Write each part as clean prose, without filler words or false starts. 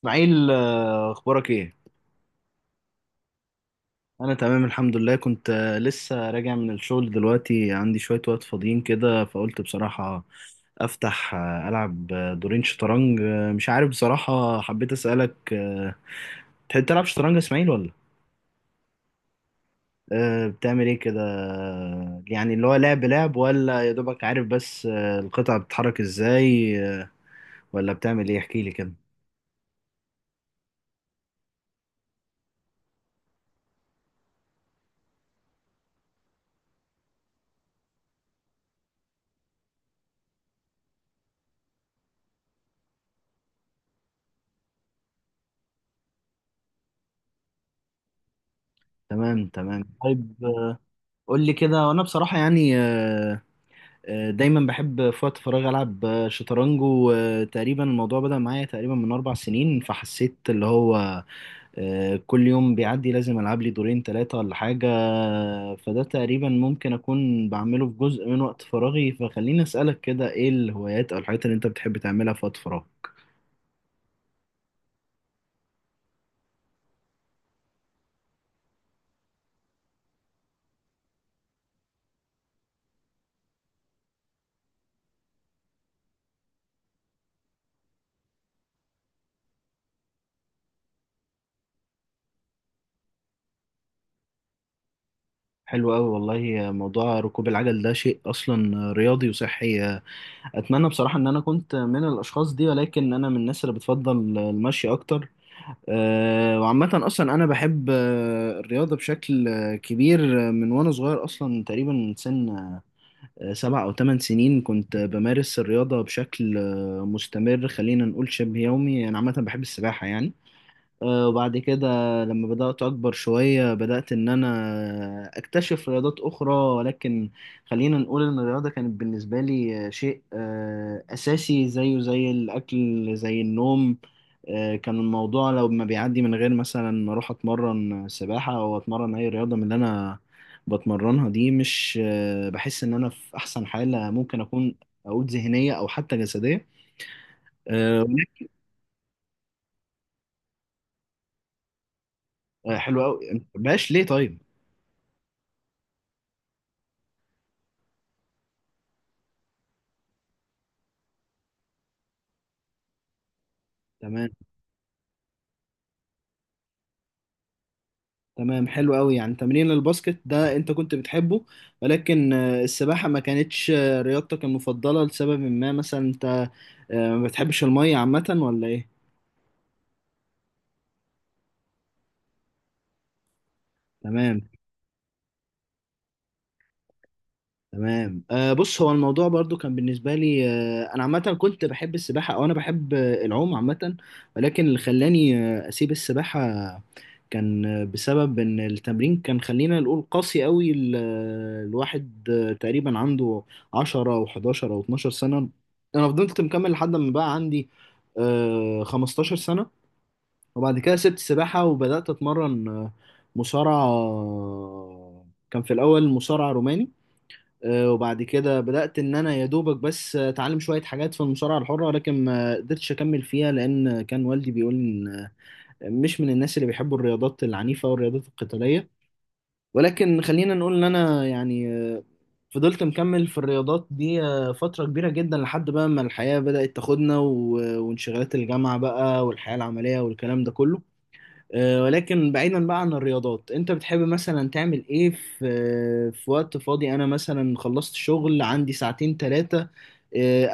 اسماعيل، اخبارك ايه؟ انا تمام الحمد لله. كنت لسه راجع من الشغل دلوقتي، عندي شوية وقت فاضيين كده، فقلت بصراحة افتح العب دورين شطرنج. مش عارف بصراحة، حبيت اسألك. تحب تلعب شطرنج يا اسماعيل ولا؟ بتعمل ايه كده؟ يعني اللي هو لعب لعب، ولا يا دوبك عارف بس القطع بتتحرك ازاي؟ ولا بتعمل ايه؟ احكي لي كده. تمام، تمام، طيب. قول لي كده. وانا بصراحة يعني، دايما بحب في وقت فراغي العب شطرنج، وتقريبا الموضوع بدأ معايا تقريبا من 4 سنين، فحسيت اللي هو كل يوم بيعدي لازم العب لي دورين ثلاثة ولا حاجة. فده تقريبا ممكن اكون بعمله في جزء من وقت فراغي. فخليني اسألك كده، ايه الهوايات او الحاجات اللي انت بتحب تعملها في وقت فراغ؟ حلو قوي والله. موضوع ركوب العجل ده شيء اصلا رياضي وصحي. اتمنى بصراحه ان انا كنت من الاشخاص دي، ولكن انا من الناس اللي بتفضل المشي اكتر. وعامة أصلا أنا بحب الرياضة بشكل كبير، من وأنا صغير. أصلا تقريبا من سن 7 أو 8 سنين كنت بمارس الرياضة بشكل مستمر، خلينا نقول شبه يومي. أنا عامة بحب السباحة يعني. وبعد كده لما بدأت أكبر شوية، بدأت إن أنا أكتشف رياضات أخرى. ولكن خلينا نقول إن الرياضة كانت بالنسبة لي شيء أساسي، زيه زي الأكل زي النوم. كان الموضوع لو ما بيعدي من غير مثلا ما أروح أتمرن سباحة أو أتمرن أي رياضة من اللي أنا بتمرنها دي، مش بحس إن أنا في أحسن حالة ممكن أكون، أقول ذهنية أو حتى جسدية. آه، حلو أوي، مبقاش ليه طيب؟ تمام، تمام، حلو قوي. يعني تمرين الباسكت ده انت كنت بتحبه، ولكن السباحة ما كانتش رياضتك المفضلة لسبب ما؟ مثلا انت ما بتحبش المية عامة ولا ايه؟ تمام، تمام. بص، هو الموضوع برضو كان بالنسبة لي أنا عامة كنت بحب السباحة، أو أنا بحب العوم عامة. ولكن اللي خلاني أسيب السباحة كان بسبب ان التمرين كان، خلينا نقول، قاسي قوي. الواحد تقريبا عنده 10 او 11 او 12 سنة، انا فضلت مكمل لحد ما بقى عندي 15 سنة. وبعد كده سبت سباحة، وبدأت اتمرن مصارعة. كان في الاول مصارع روماني. وبعد كده بدأت ان انا يا دوبك بس اتعلم شوية حاجات في المصارعة الحرة، لكن ما قدرتش اكمل فيها لان كان والدي بيقول مش من الناس اللي بيحبوا الرياضات العنيفة والرياضات القتالية. ولكن خلينا نقول ان انا يعني، فضلت مكمل في الرياضات دي فترة كبيرة جدا، لحد بقى ما الحياة بدأت تاخدنا وانشغالات الجامعة بقى، والحياة العملية والكلام ده كله. ولكن بعيدا بقى عن الرياضات، انت بتحب مثلا تعمل ايه في وقت فاضي؟ انا مثلا خلصت شغل، عندي ساعتين ثلاثة،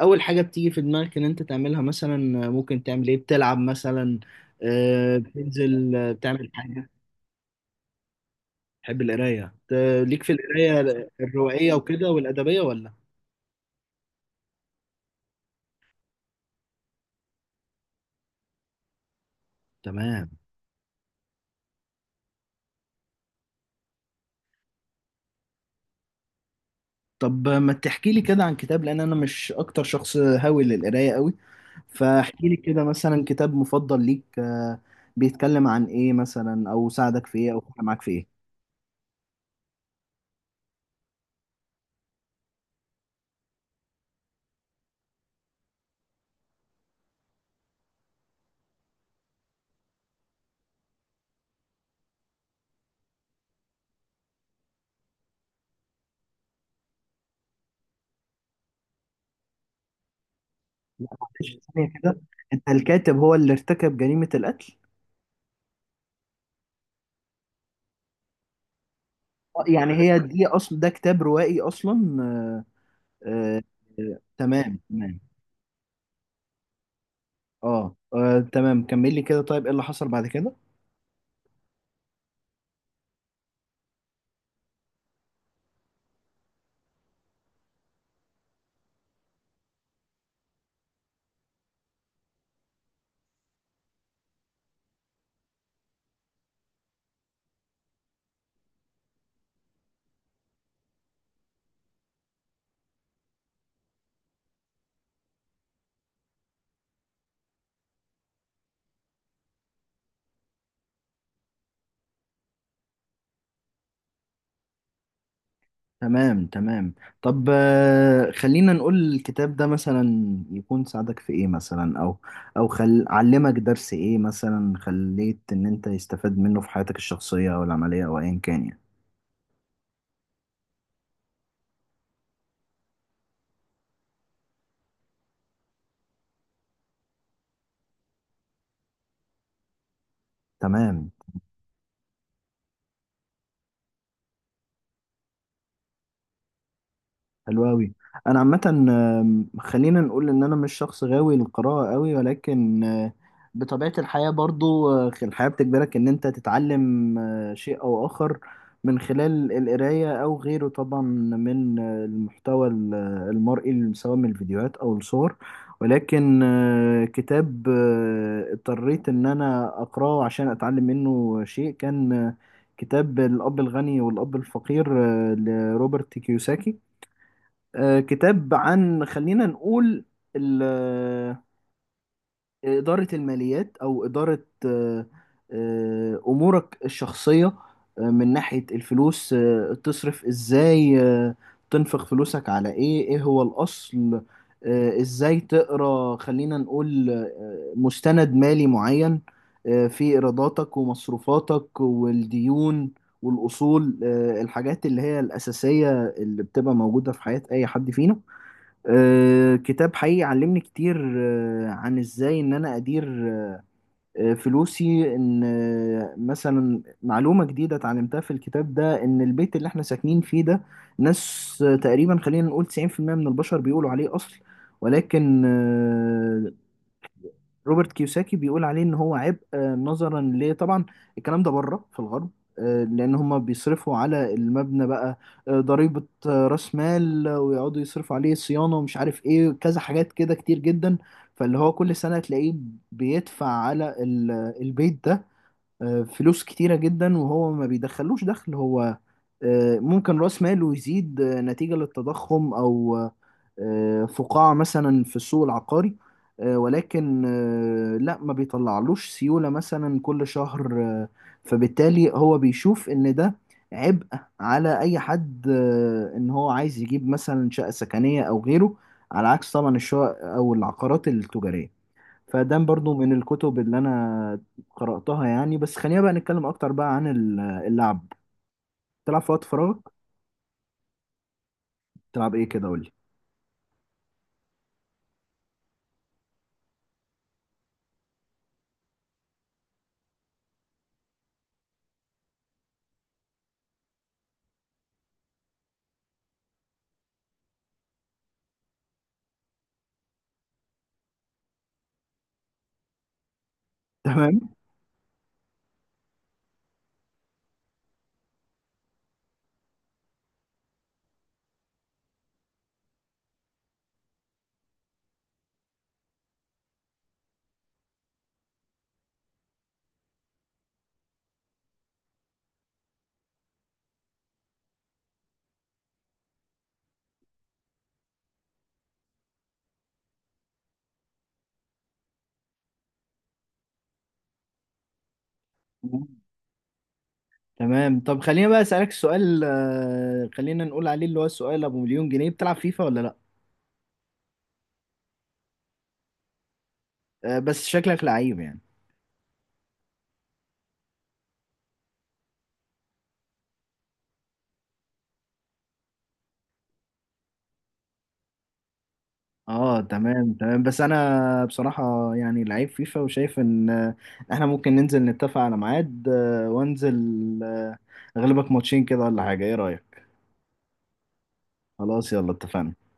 اول حاجة بتيجي في دماغك ان انت تعملها مثلا؟ ممكن تعمل ايه؟ بتلعب مثلا؟ بتنزل؟ بتعمل حاجة؟ بحب القراية. ليك في القراية الروائية وكده والأدبية ولا؟ تمام. طب ما تحكي لي كده عن كتاب، لان انا مش اكتر شخص هاوي للقرايه قوي. فاحكي لي كده مثلا كتاب مفضل ليك بيتكلم عن ايه مثلا، او ساعدك في ايه، او فرق معاك في ايه؟ لا معلش، ثانيه كده. انت الكاتب هو اللي ارتكب جريمه القتل؟ يعني هي دي اصلا، ده كتاب روائي اصلا؟ آه، تمام، تمام. اه، تمام، كمل لي كده. طيب ايه اللي حصل بعد كده؟ تمام، تمام. طب، خلينا نقول الكتاب ده مثلا يكون ساعدك في ايه مثلا، او علمك درس ايه مثلا، خليت ان انت يستفاد منه في حياتك الشخصية او العملية او ايا كان يعني؟ تمام، حلو قوي. انا عامه خلينا نقول ان انا مش شخص غاوي للقراءه قوي، ولكن بطبيعه الحياه برضو الحياه بتجبرك ان انت تتعلم شيء او اخر، من خلال القرايه او غيره طبعا، من المحتوى المرئي، سواء من الفيديوهات او الصور. ولكن كتاب اضطريت ان انا اقراه عشان اتعلم منه شيء كان كتاب الاب الغني والاب الفقير، لروبرت كيوساكي. كتاب عن، خلينا نقول، ال- آه، إدارة الماليات أو إدارة أمورك الشخصية من ناحية الفلوس، تصرف إزاي، تنفق فلوسك على إيه، إيه هو الأصل، إزاي تقرأ، خلينا نقول، مستند مالي معين في إيراداتك ومصروفاتك والديون والأصول، الحاجات اللي هي الأساسية اللي بتبقى موجودة في حياة أي حد فينا. كتاب حقيقي علمني كتير عن ازاي ان انا ادير فلوسي. ان مثلا معلومة جديدة اتعلمتها في الكتاب ده، ان البيت اللي احنا ساكنين فيه ده، ناس تقريبا خلينا نقول 90% من البشر بيقولوا عليه اصل، ولكن روبرت كيوساكي بيقول عليه ان هو عبء. نظرا ليه طبعا، الكلام ده بره في الغرب، لان هم بيصرفوا على المبنى بقى ضريبة راس مال، ويقعدوا يصرفوا عليه صيانة ومش عارف ايه كذا حاجات كده كتير جدا. فاللي هو كل سنة تلاقيه بيدفع على البيت ده فلوس كتيرة جدا، وهو ما بيدخلوش دخل. هو ممكن راس ماله يزيد نتيجة للتضخم، او فقاعة مثلا في السوق العقاري، ولكن لا، ما بيطلعلوش سيولة مثلا كل شهر. فبالتالي هو بيشوف ان ده عبء على اي حد، ان هو عايز يجيب مثلا شقة سكنية او غيره، على عكس طبعا الشقق او العقارات التجارية. فده برضو من الكتب اللي انا قرأتها يعني. بس خلينا بقى نتكلم اكتر بقى عن اللعب. تلعب في وقت فراغك؟ تلعب ايه كده قولي؟ تمام، تمام. طب خلينا بقى اسالك سؤال، خلينا نقول عليه اللي هو السؤال ابو مليون جنيه. بتلعب فيفا ولا لا؟ بس شكلك لعيب يعني. اه، تمام، تمام. بس انا بصراحة يعني لعيب فيفا وشايف ان احنا ممكن ننزل نتفق على ميعاد، وانزل آه، اغلبك ماتشين كده ولا حاجة. ايه رأيك؟ خلاص، يلا، اتفقنا.